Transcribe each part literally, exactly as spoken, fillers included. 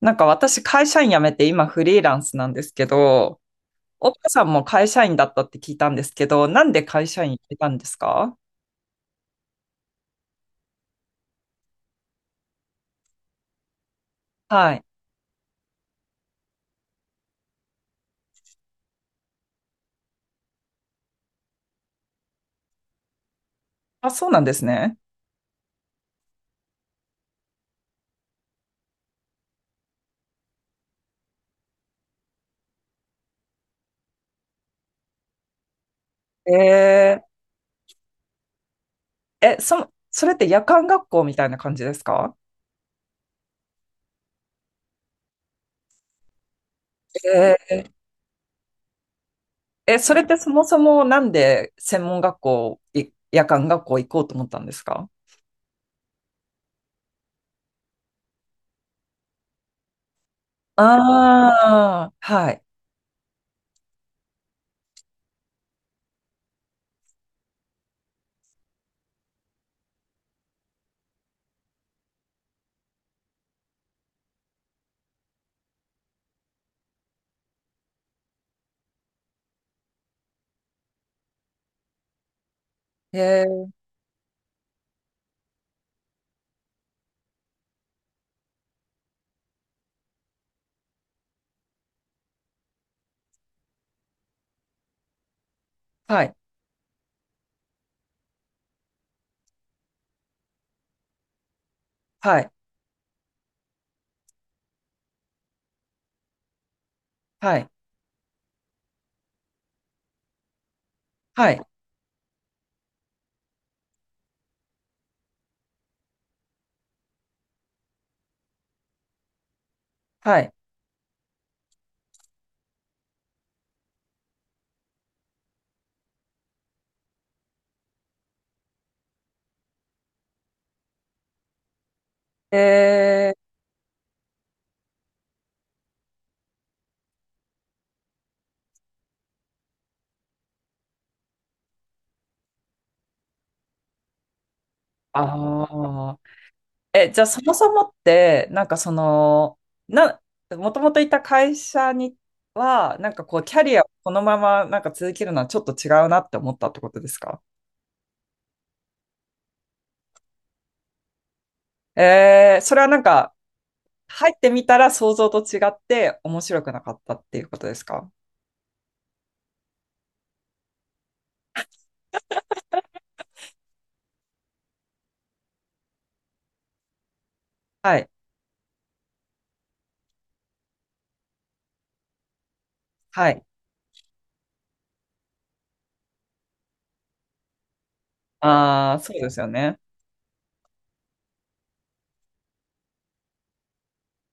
なんか私会社員辞めて今フリーランスなんですけど、岡さんも会社員だったって聞いたんですけど、なんで会社員行ってたんですか？はい。あ、そうなんですね。えー、え、そ、それって夜間学校みたいな感じですか？えー、え、それってそもそもなんで専門学校、い夜間学校行こうと思ったんですか？ああー、はい。えー、はい、はい、はい、はい、はい。えー、ああ。え、じゃあそもそもって、なんかその、な、もともといた会社には、なんかこう、キャリアをこのままなんか続けるのはちょっと違うなって思ったってことですか？えー、それはなんか、入ってみたら想像と違って面白くなかったっていうことですか？はい。はい。ああ、そうですよね。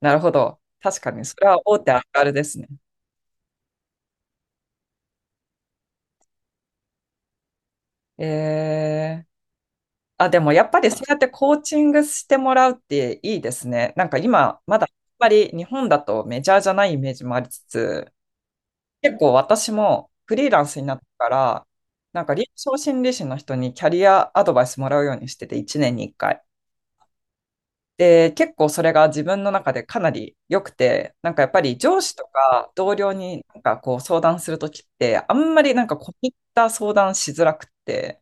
なるほど。確かに、それは大手あるあるですね。えーあ、でもやっぱりそうやってコーチングしてもらうっていいですね。なんか今、まだやっぱり日本だとメジャーじゃないイメージもありつつ、結構私もフリーランスになってから、なんか臨床心理士の人にキャリアアドバイスもらうようにしてて、いちねんにいっかい。で、結構それが自分の中でかなり良くて、なんかやっぱり上司とか同僚になんかこう相談するときって、あんまりなんか込み入った相談しづらくって、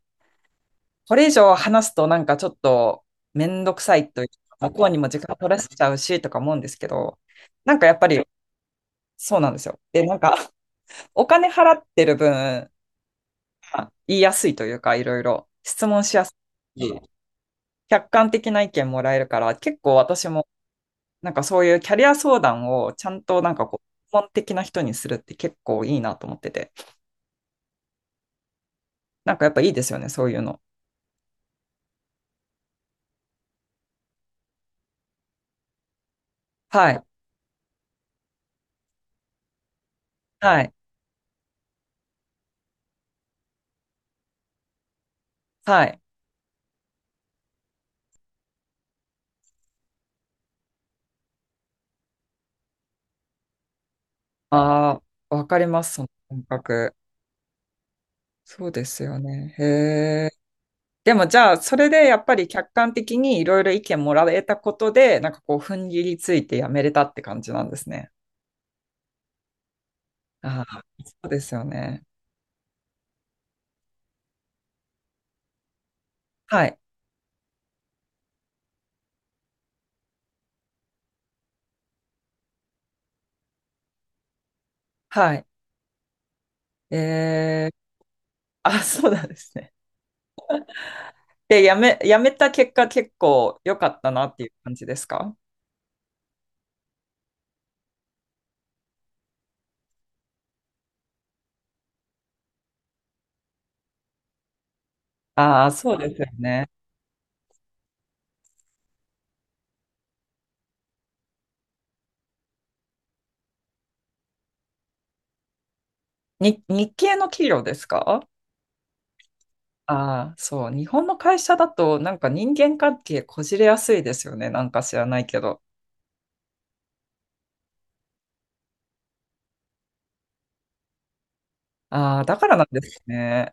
これ以上話すとなんかちょっとめんどくさいというか、向こうにも時間取らせちゃうしとか思うんですけど、なんかやっぱりそうなんですよ。で、なんかお金払ってる分、言いやすいというか、いろいろ質問しやすいし。客観的な意見もらえるから、結構私もなんかそういうキャリア相談をちゃんとなんかこう、基本的な人にするって結構いいなと思ってて、なんかやっぱいいですよね、そういうの。はい、はい、はい。ああ、わかります、その感覚。そうですよね。へえ。でもじゃあ、それでやっぱり客観的にいろいろ意見もらえたことで、なんかこう、踏ん切りついてやめれたって感じなんですね。ああ、そうですよね。はい。はい。ええ。あ、そうなんですね。で、やめ、やめた結果結構良かったなっていう感じですか？ああ、そうですよね。に、日系の企業ですか？ああ、そう。日本の会社だと、なんか人間関係こじれやすいですよね。なんか知らないけど。ああ、だからなんですね。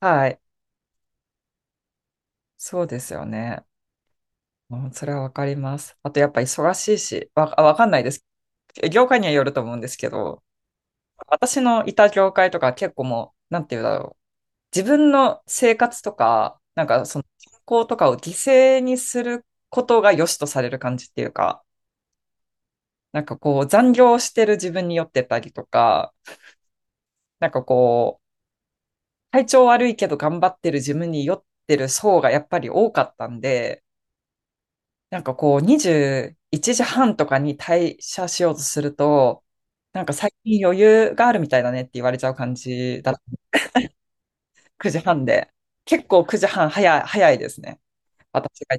はい。そうですよね。うん、それはわかります。あとやっぱ忙しいし、わ、わかんないです。業界にはよると思うんですけど、私のいた業界とか結構もう、なんて言うんだろう。自分の生活とか、なんかその健康とかを犠牲にすることが良しとされる感じっていうか、なんかこう残業してる自分に酔ってたりとか、なんかこう、体調悪いけど頑張ってる自分に酔ってる層がやっぱり多かったんで、なんかこう、にじゅういちじはんとかに退社しようとすると、なんか最近余裕があるみたいだねって言われちゃう感じだ。くじはんで。結構くじはん早い、早いですね。私が。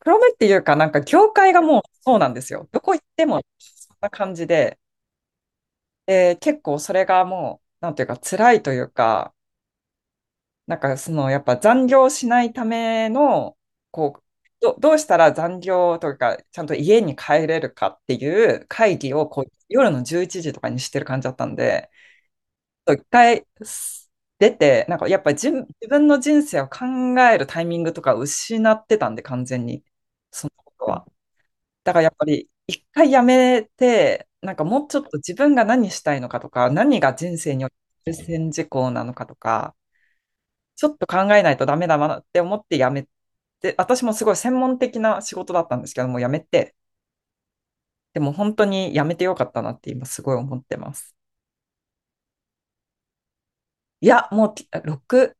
黒目っていうか、なんか業界がもうそうなんですよ。どこ行ってもそんな感じで、で、結構それがもう、なんていうか辛いというか、なんかそのやっぱ残業しないためのこうど、どうしたら残業というかちゃんと家に帰れるかっていう会議をこう夜のじゅういちじとかにしてる感じだったんで、ちょっと一回す出て、なんかやっぱじん自分の人生を考えるタイミングとか失ってたんで完全に、そのことは。だからやっぱり一回やめて、なんかもうちょっと自分が何したいのかとか、何が人生における優先事項なのかとか、ちょっと考えないとダメだなって思って辞めて、私もすごい専門的な仕事だったんですけども、辞めて、でも本当に辞めてよかったなって今すごい思ってます。いや、もう6、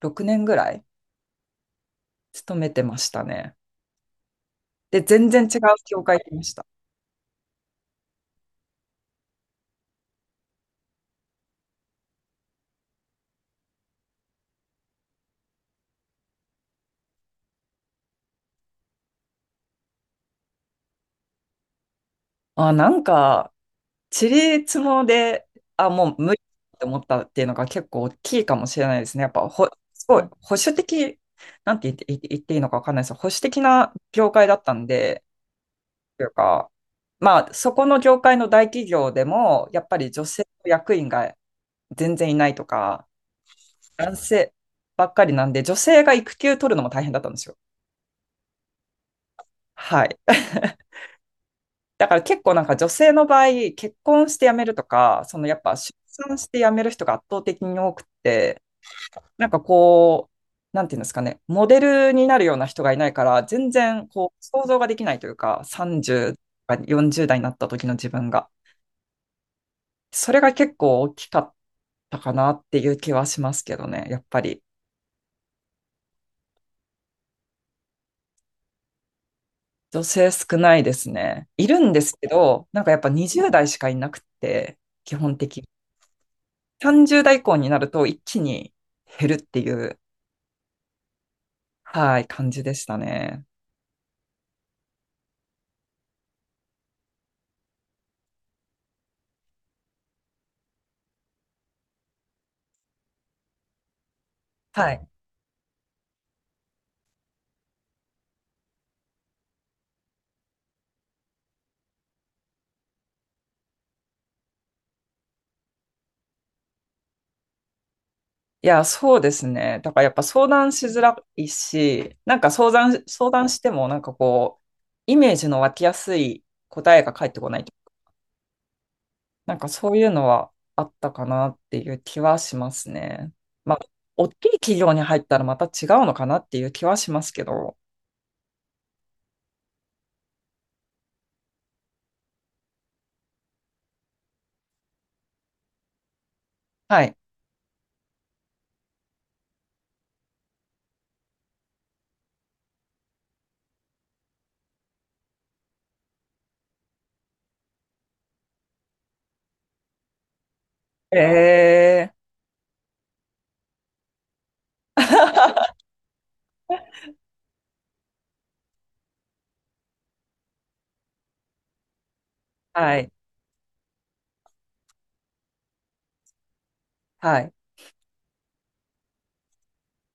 6年ぐらい勤めてましたね。で、全然違う教会行きました。あ、なんか、地理つもで、あ、もう無理って思ったっていうのが結構大きいかもしれないですね。やっぱほ、すごい保守的、なんて言って、言っていいのかわかんないです。保守的な業界だったんで、というか、まあ、そこの業界の大企業でも、やっぱり女性の役員が全然いないとか、男性ばっかりなんで、女性が育休取るのも大変だったんですよ。はい。だから結構なんか女性の場合、結婚して辞めるとか、そのやっぱ出産して辞める人が圧倒的に多くて、なんかこう、なんていうんですかね、モデルになるような人がいないから、全然こう想像ができないというか、さんじゅうとかよんじゅう代になった時の自分が。それが結構大きかったかなっていう気はしますけどね、やっぱり。女性少ないですね。いるんですけど、なんかやっぱにじゅう代しかいなくて、基本的に。さんじゅう代以降になると一気に減るっていう、はい、感じでしたね。はい。いや、そうですね。だからやっぱ相談しづらいし、なんか相談、相談してもなんかこう、イメージの湧きやすい答えが返ってこないなんかそういうのはあったかなっていう気はしますね。まあ、大きい企業に入ったらまた違うのかなっていう気はしますけど。はい。えー、はい。はい。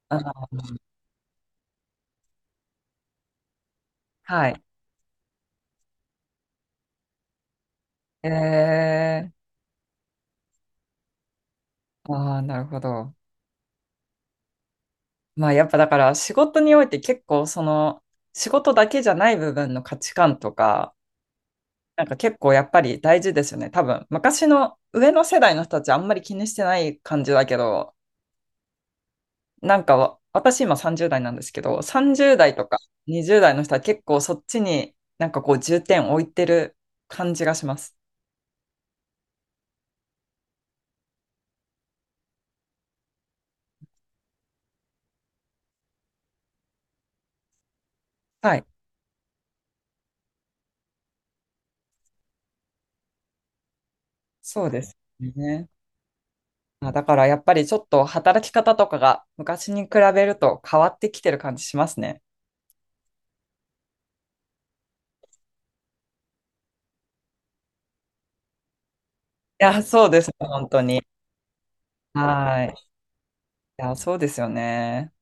あ、はい。えー、ああ、なるほど。まあ、やっぱだから仕事において結構その仕事だけじゃない部分の価値観とか、なんか結構やっぱり大事ですよね。多分、昔の上の世代の人たちあんまり気にしてない感じだけど、なんかわ、私今さんじゅう代なんですけど、さんじゅう代とかにじゅう代の人は結構そっちになんかこう重点を置いてる感じがします。はい。そうですね。まあ、だからやっぱりちょっと働き方とかが昔に比べると変わってきてる感じしますね。いや、そうです。本当に。はい。いや、そうですよね。